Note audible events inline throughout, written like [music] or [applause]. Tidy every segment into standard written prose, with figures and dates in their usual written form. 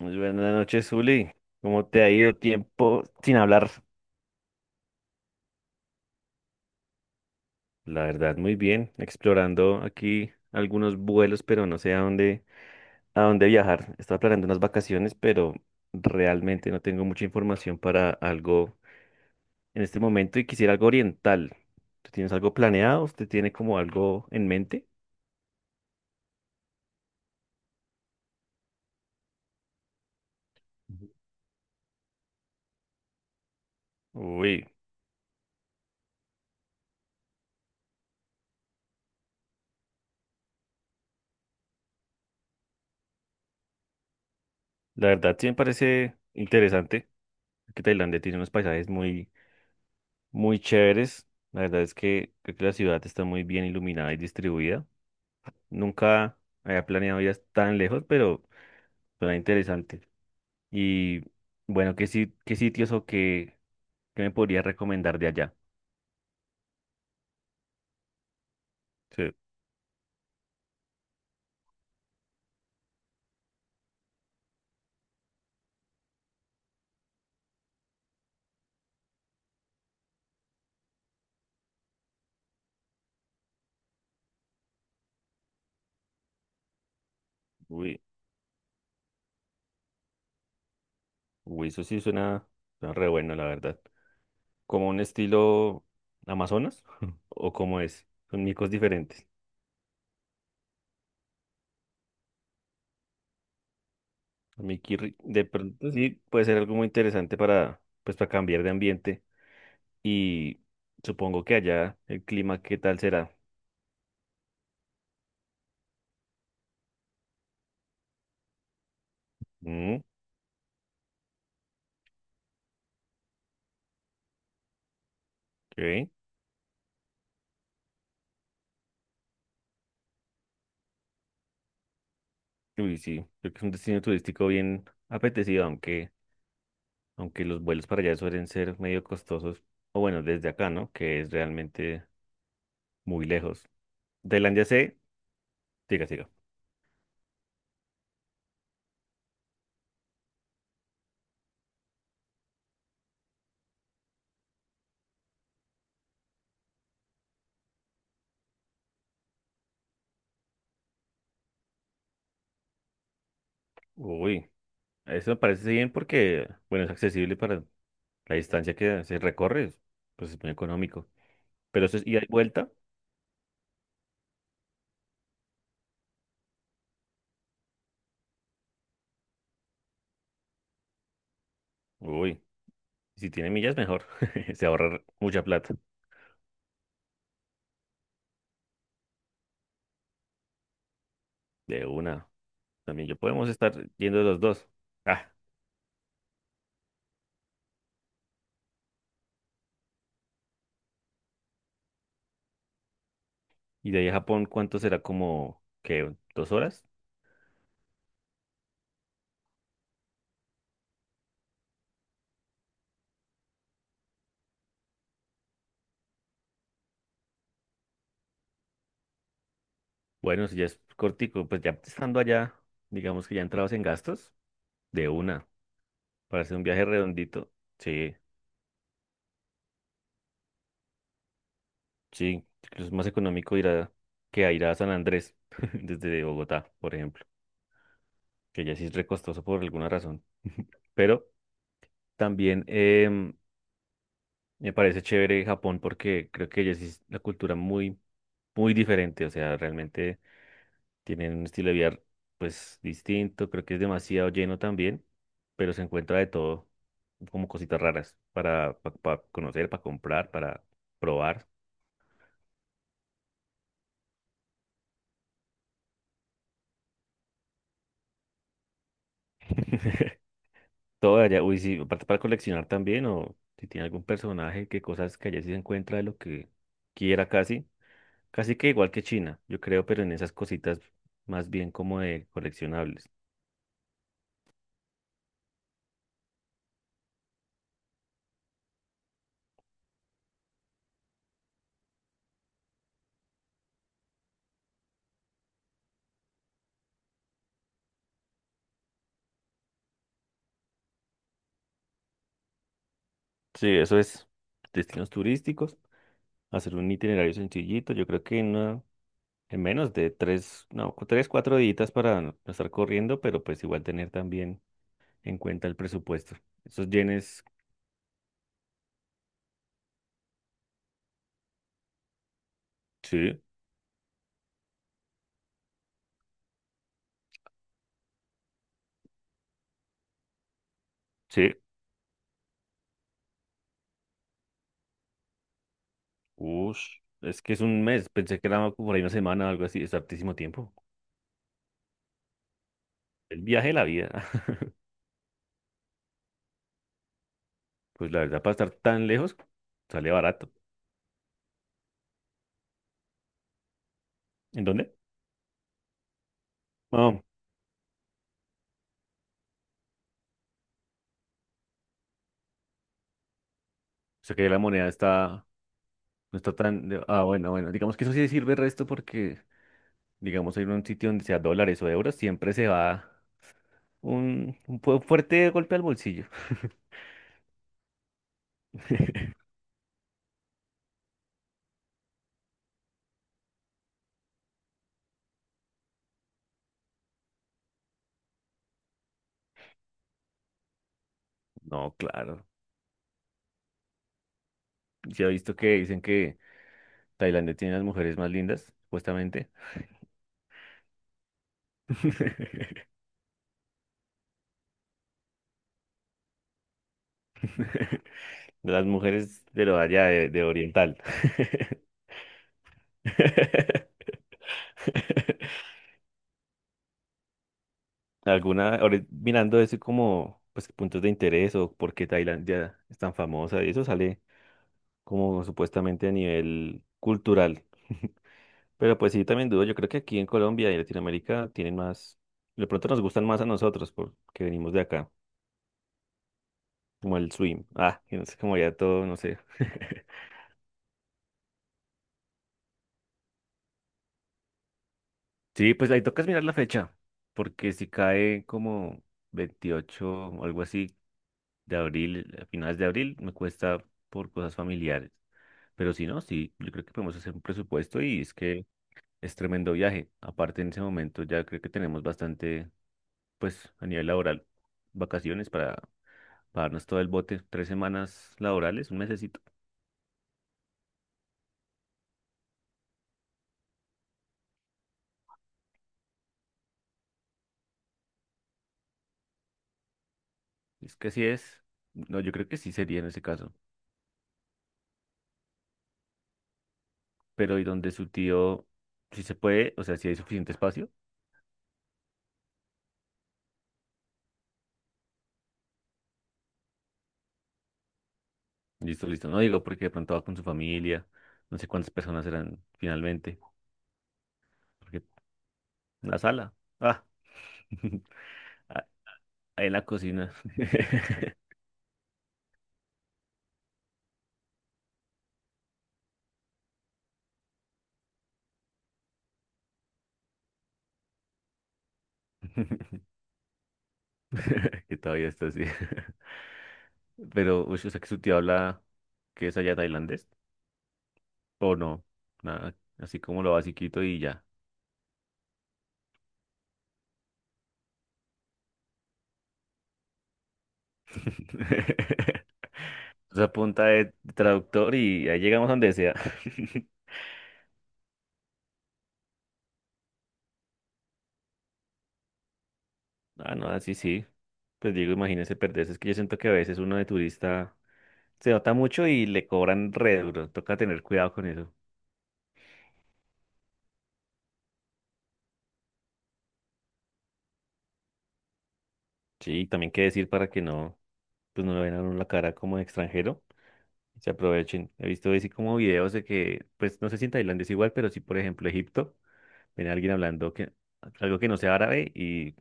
Muy buenas noches, Zuli. ¿Cómo te ha ido tiempo sin hablar? La verdad, muy bien. Explorando aquí algunos vuelos, pero no sé a dónde viajar. Estaba planeando unas vacaciones, pero realmente no tengo mucha información para algo en este momento y quisiera algo oriental. ¿Tú tienes algo planeado? ¿Usted tiene como algo en mente? Ujú. Uy, la verdad sí me parece interesante que Tailandia tiene unos paisajes muy chéveres. La verdad es que creo que la ciudad está muy bien iluminada y distribuida. Nunca había planeado ir tan lejos, pero suena interesante. Y bueno, ¿qué, qué sitios o qué, qué me podrías recomendar de allá? Sí, uy, uy, eso sí suena, suena re bueno, la verdad. ¿Como un estilo Amazonas? [laughs] ¿O cómo es? Son micos diferentes. De pronto sí puede ser algo muy interesante para, pues, para cambiar de ambiente. Y supongo que allá el clima, ¿qué tal será? Mm, ok. Uy, sí, creo que es un destino turístico bien apetecido, aunque, aunque los vuelos para allá suelen ser medio costosos. O bueno, desde acá, ¿no? Que es realmente muy lejos. Tailandia sé, siga, siga. Uy, eso me parece bien porque, bueno, es accesible para la distancia que se recorre, pues es muy económico. Pero eso es ida y vuelta. Uy, si tiene millas, mejor. [laughs] Se ahorra mucha plata. De una. También yo podemos estar yendo los dos. Ah, y de ahí a Japón, ¿cuánto será? Como que dos horas. Bueno, si ya es cortico, pues ya estando allá, digamos que ya entrados en gastos, de una, para hacer un viaje redondito. Sí, sí, incluso es más económico ir a que a ir a San Andrés [laughs] desde Bogotá, por ejemplo, que ya sí es recostoso por alguna razón. [laughs] Pero también me parece chévere Japón porque creo que ya sí es una cultura muy, muy diferente. O sea, realmente. Tienen un estilo de vida pues distinto, creo que es demasiado lleno también, pero se encuentra de todo, como cositas raras para, pa conocer, para comprar, para probar. [laughs] Todo de allá, uy, sí, aparte para coleccionar también, o si tiene algún personaje, que cosas que allá sí se encuentra de lo que quiera casi, casi que igual que China, yo creo, pero en esas cositas más bien como de coleccionables. Sí, eso es destinos turísticos, hacer un itinerario sencillito, yo creo que no. En menos de tres, no, tres, cuatro días para no estar corriendo, pero pues igual tener también en cuenta el presupuesto. Esos yenes, sí, sí, ush, es que es un mes, pensé que era como por ahí una semana o algo así, es hartísimo tiempo. El viaje de la vida. [laughs] Pues la verdad, para estar tan lejos, sale barato. ¿En dónde? No, o sea que la moneda está, no está tan, de- ah, bueno, bueno, digamos que eso sí sirve el resto porque, digamos, ir a un sitio donde sea dólares o euros, siempre se va. Un fuerte golpe al bolsillo. [laughs] No, claro. Ya he visto que dicen que Tailandia tiene las mujeres más lindas, supuestamente. [laughs] Las mujeres de allá de oriental. [laughs] Alguna, ahora mirando eso como pues puntos de interés o por qué Tailandia es tan famosa y eso sale como supuestamente a nivel cultural. Pero pues sí, también dudo, yo creo que aquí en Colombia y Latinoamérica tienen más, de pronto nos gustan más a nosotros porque venimos de acá. Como el swim. Ah, y no sé, como ya todo, no sé. [laughs] Sí, pues ahí tocas mirar la fecha, porque si cae como 28 o algo así de abril, a finales de abril, me cuesta por cosas familiares. Pero si no, sí, yo creo que podemos hacer un presupuesto y es que es tremendo viaje. Aparte, en ese momento ya creo que tenemos bastante, pues a nivel laboral, vacaciones para pagarnos todo el bote, tres semanas laborales, un mesecito. Es que así es. No, yo creo que sí sería en ese caso. Pero y donde su tío, si se puede, o sea, si hay suficiente espacio, listo, listo. No digo porque de pronto va con su familia, no sé cuántas personas eran finalmente, porque la sala, ah, [laughs] ah, en la cocina, [laughs] que todavía está así. [laughs] Pero, uy, o sea, que su tío habla que es allá tailandés, o no, nada, así como lo basiquito y ya. [laughs] O sea punta de traductor y ahí llegamos a donde sea. [laughs] Ah, no, así sí. Pues digo, imagínese perderse. Es que yo siento que a veces uno de turista se nota mucho y le cobran re duro. Toca tener cuidado con eso. Sí, y también qué decir para que no, pues no le vean a uno la cara como de extranjero. Se aprovechen. He visto así como videos de que, pues no sé si en Tailandia es igual, pero sí, por ejemplo, Egipto, ven a alguien hablando que algo que no sea árabe y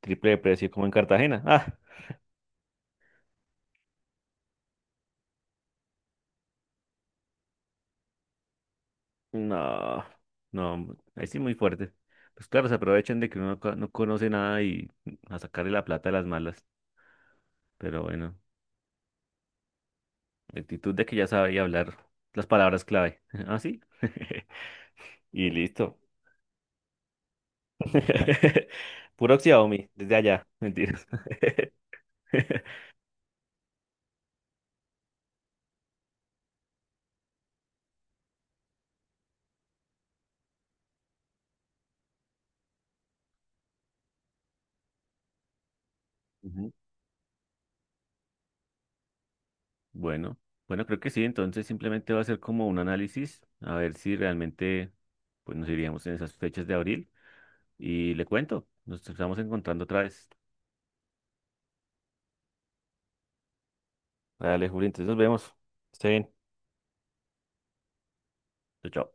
triple de precio como en Cartagena. [laughs] Ah, no, no, ahí sí muy fuerte. Pues claro, se aprovechan de que uno no conoce nada y a sacarle la plata a las malas. Pero bueno, la actitud de que ya sabía hablar las palabras clave. [laughs] ¿Ah, sí? [laughs] Y listo. [laughs] Puro Xiaomi, desde allá. Mentiras. [laughs] Ujú. Bueno, bueno, creo que sí. Entonces simplemente va a ser como un análisis a ver si realmente pues nos iríamos en esas fechas de abril. Y le cuento, nos estamos encontrando otra vez. Dale, Juli, entonces nos vemos. Esté bien. Chao, chao.